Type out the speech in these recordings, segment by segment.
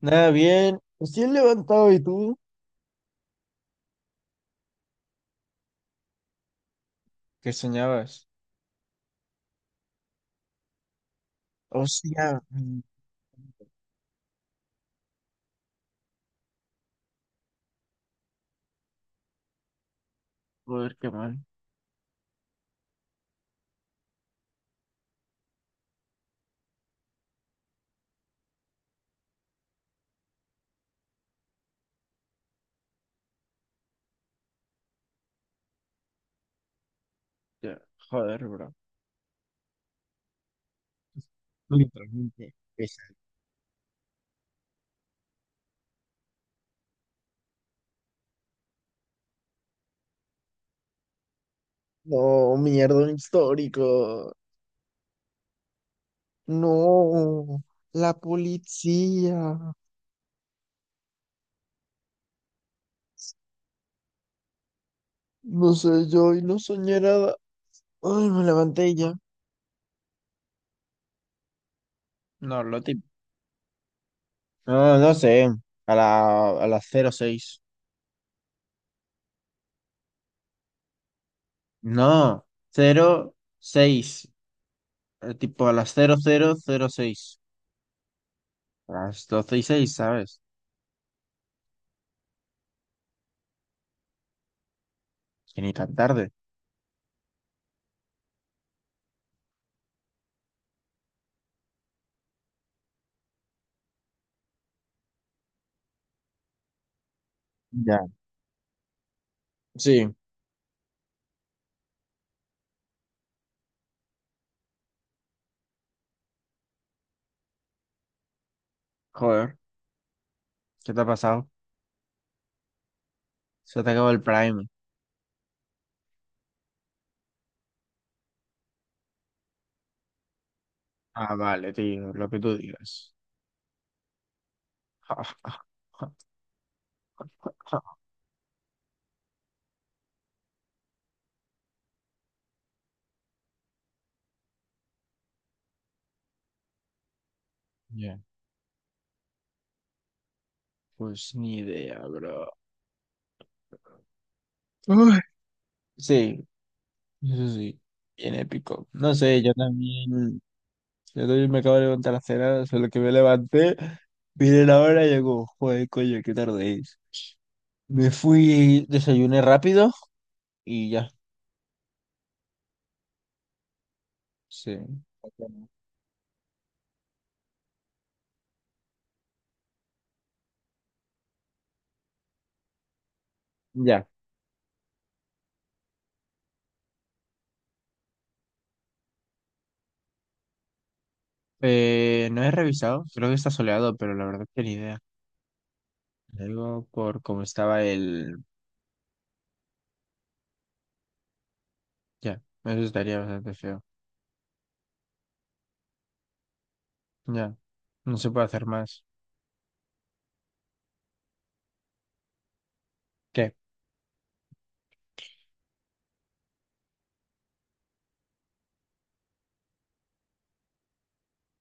Nada, bien. Recién levantado, ¿y tú? ¿Qué soñabas? Hostia, joder, qué mal. Ya, joder, bro. Literalmente, pesado. No, mierda, un histórico. No, la policía. No sé, yo no soñé nada. Ay, me levanté y ya. No, lo típico. No, no sé. A las cero seis. No, 06. Tipo a las cero cero cero seis. A las 12 y seis, ¿sabes? Es que ni tan tarde. Ya. Sí, joder. ¿Qué te ha pasado? Se te acabó el Prime. Ah, vale, tío, lo que tú digas. Ya. Pues ni idea, bro. Uy. Sí, eso sí, bien épico. No sé, yo también me acabo de levantar a cenar, solo que me levanté, miré la hora y digo, joder, coño, qué tarde es. Me fui, desayuné rápido y ya, sí. Ya. No he revisado, creo que está soleado, pero la verdad que ni idea. Algo por cómo estaba el... Ya, eso estaría bastante feo. Ya, no se puede hacer más. ¿Qué?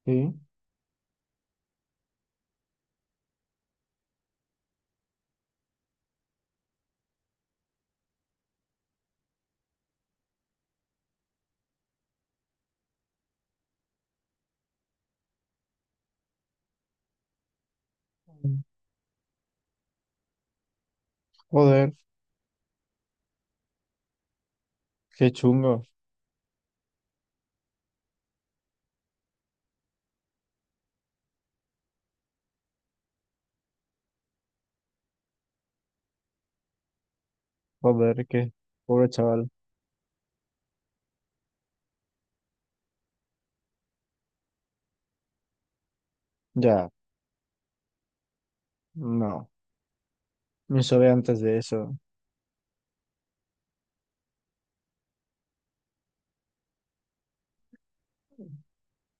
Sí. Joder, qué chungo. Joder, qué pobre chaval. Ya, no. Me sobe antes de eso.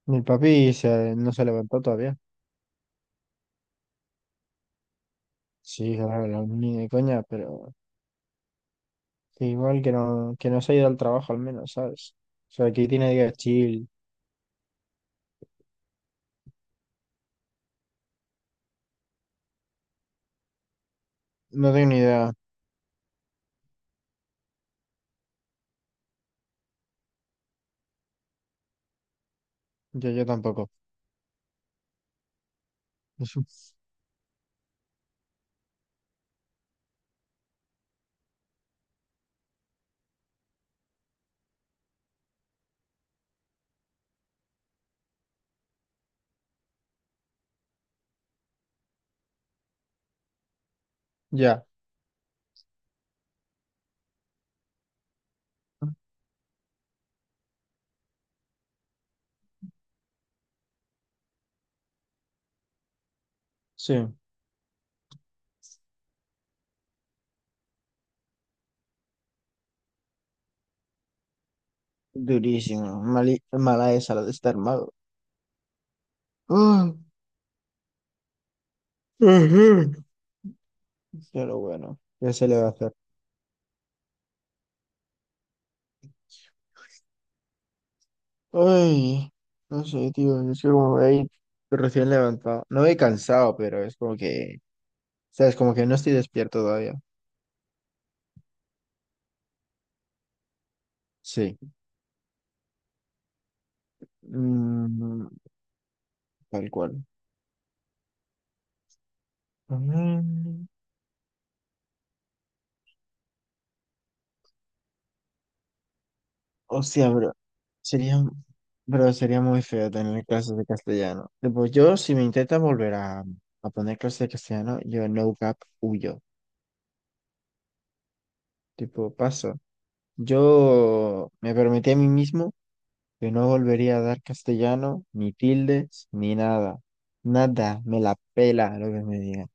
No se levantó todavía. Sí, claro, no, ni de coña, pero que no se ha ido al trabajo al menos, ¿sabes? O sea, que tiene día chill. No tengo ni idea. Yo tampoco. Ya, sí. Durísimo. Mala esa la de estar mago. Ah, ujú, pero bueno, ya se le va a hacer. Ay, no sé, tío. Es que como ahí recién levantado. No he cansado, pero es como que, ¿sabes? Como que no estoy despierto todavía. Sí. Mm, tal cual. Mm, hostia, bro. Sería, pero sería muy feo tener clases de castellano. Tipo, yo, si me intentan volver a poner clases de castellano, yo no cap huyo. Tipo, pasa. Yo me prometí a mí mismo que no volvería a dar castellano, ni tildes, ni nada. Nada, me la pela lo que me digan.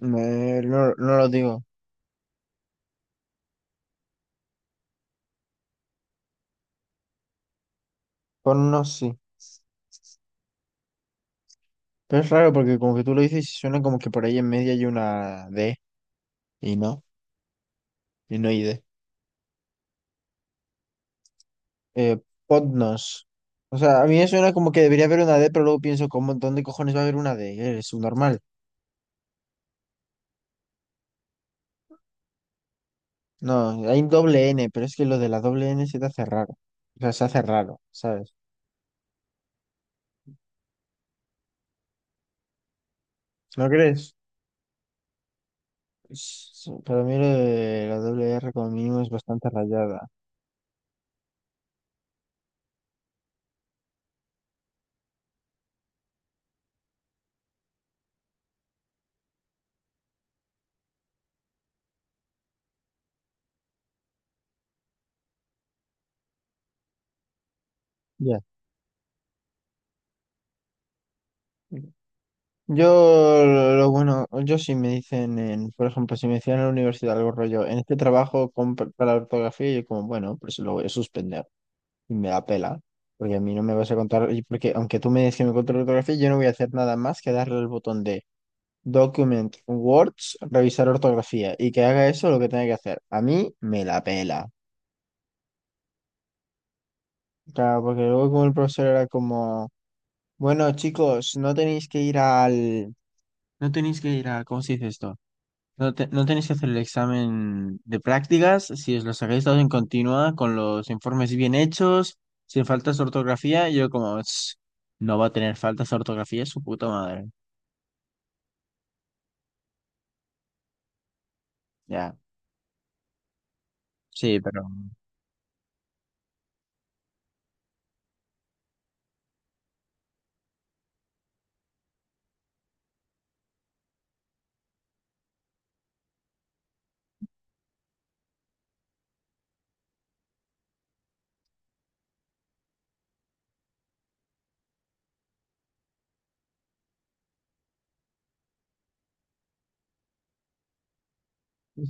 No lo digo. Con unos sí. Pero es raro porque como que tú lo dices y suena como que por ahí en medio hay una D. Y no, y no hay D. Eh, Podnos. O sea, a mí me suena como que debería haber una D, pero luego pienso, ¿cómo, dónde cojones va a haber una D? Es subnormal. No, hay un doble N, pero es que lo de la doble N se te hace raro. O sea, se hace raro, ¿sabes? ¿No crees? Para mí lo de la doble R como mínimo es bastante rayada. Ya. Yo, lo bueno, yo si me dicen, por ejemplo, si me decían en la universidad algo rollo, en este trabajo con, para la ortografía, yo como, bueno, pues lo voy a suspender y me da pela, porque a mí no me vas a contar, y porque aunque tú me digas que me contes la ortografía, yo no voy a hacer nada más que darle el botón de Document Words, revisar ortografía y que haga eso lo que tenga que hacer. A mí me la pela. Claro, porque luego como el profesor era como, bueno, chicos, no tenéis que ir al, no tenéis que ir a, ¿cómo se dice esto? No tenéis que hacer el examen de prácticas si os lo sacáis todos en continua, con los informes bien hechos, sin faltas de ortografía. Y yo como, "Ch, no va a tener faltas de ortografía, su puta madre". Ya, sí, pero...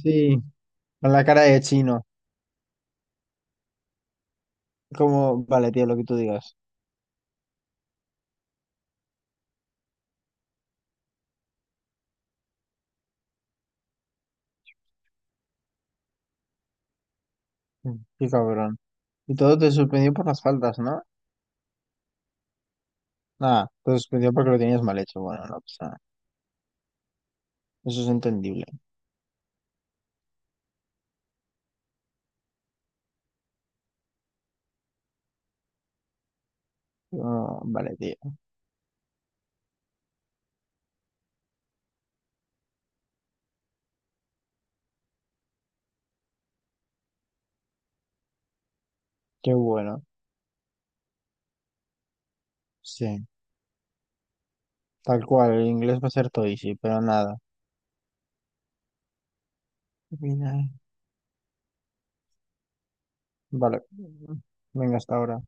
Sí, con la cara de chino. Como, vale, tío, lo que tú digas. Qué cabrón. Y todo te suspendió por las faltas, ¿no? Nada, te suspendió porque lo tenías mal hecho. Bueno, no pasa nada. Eso es entendible. Ah, vale, tío. Qué bueno. Sí, tal cual. El inglés va a ser todo easy, pero nada. Vale. Venga, hasta ahora.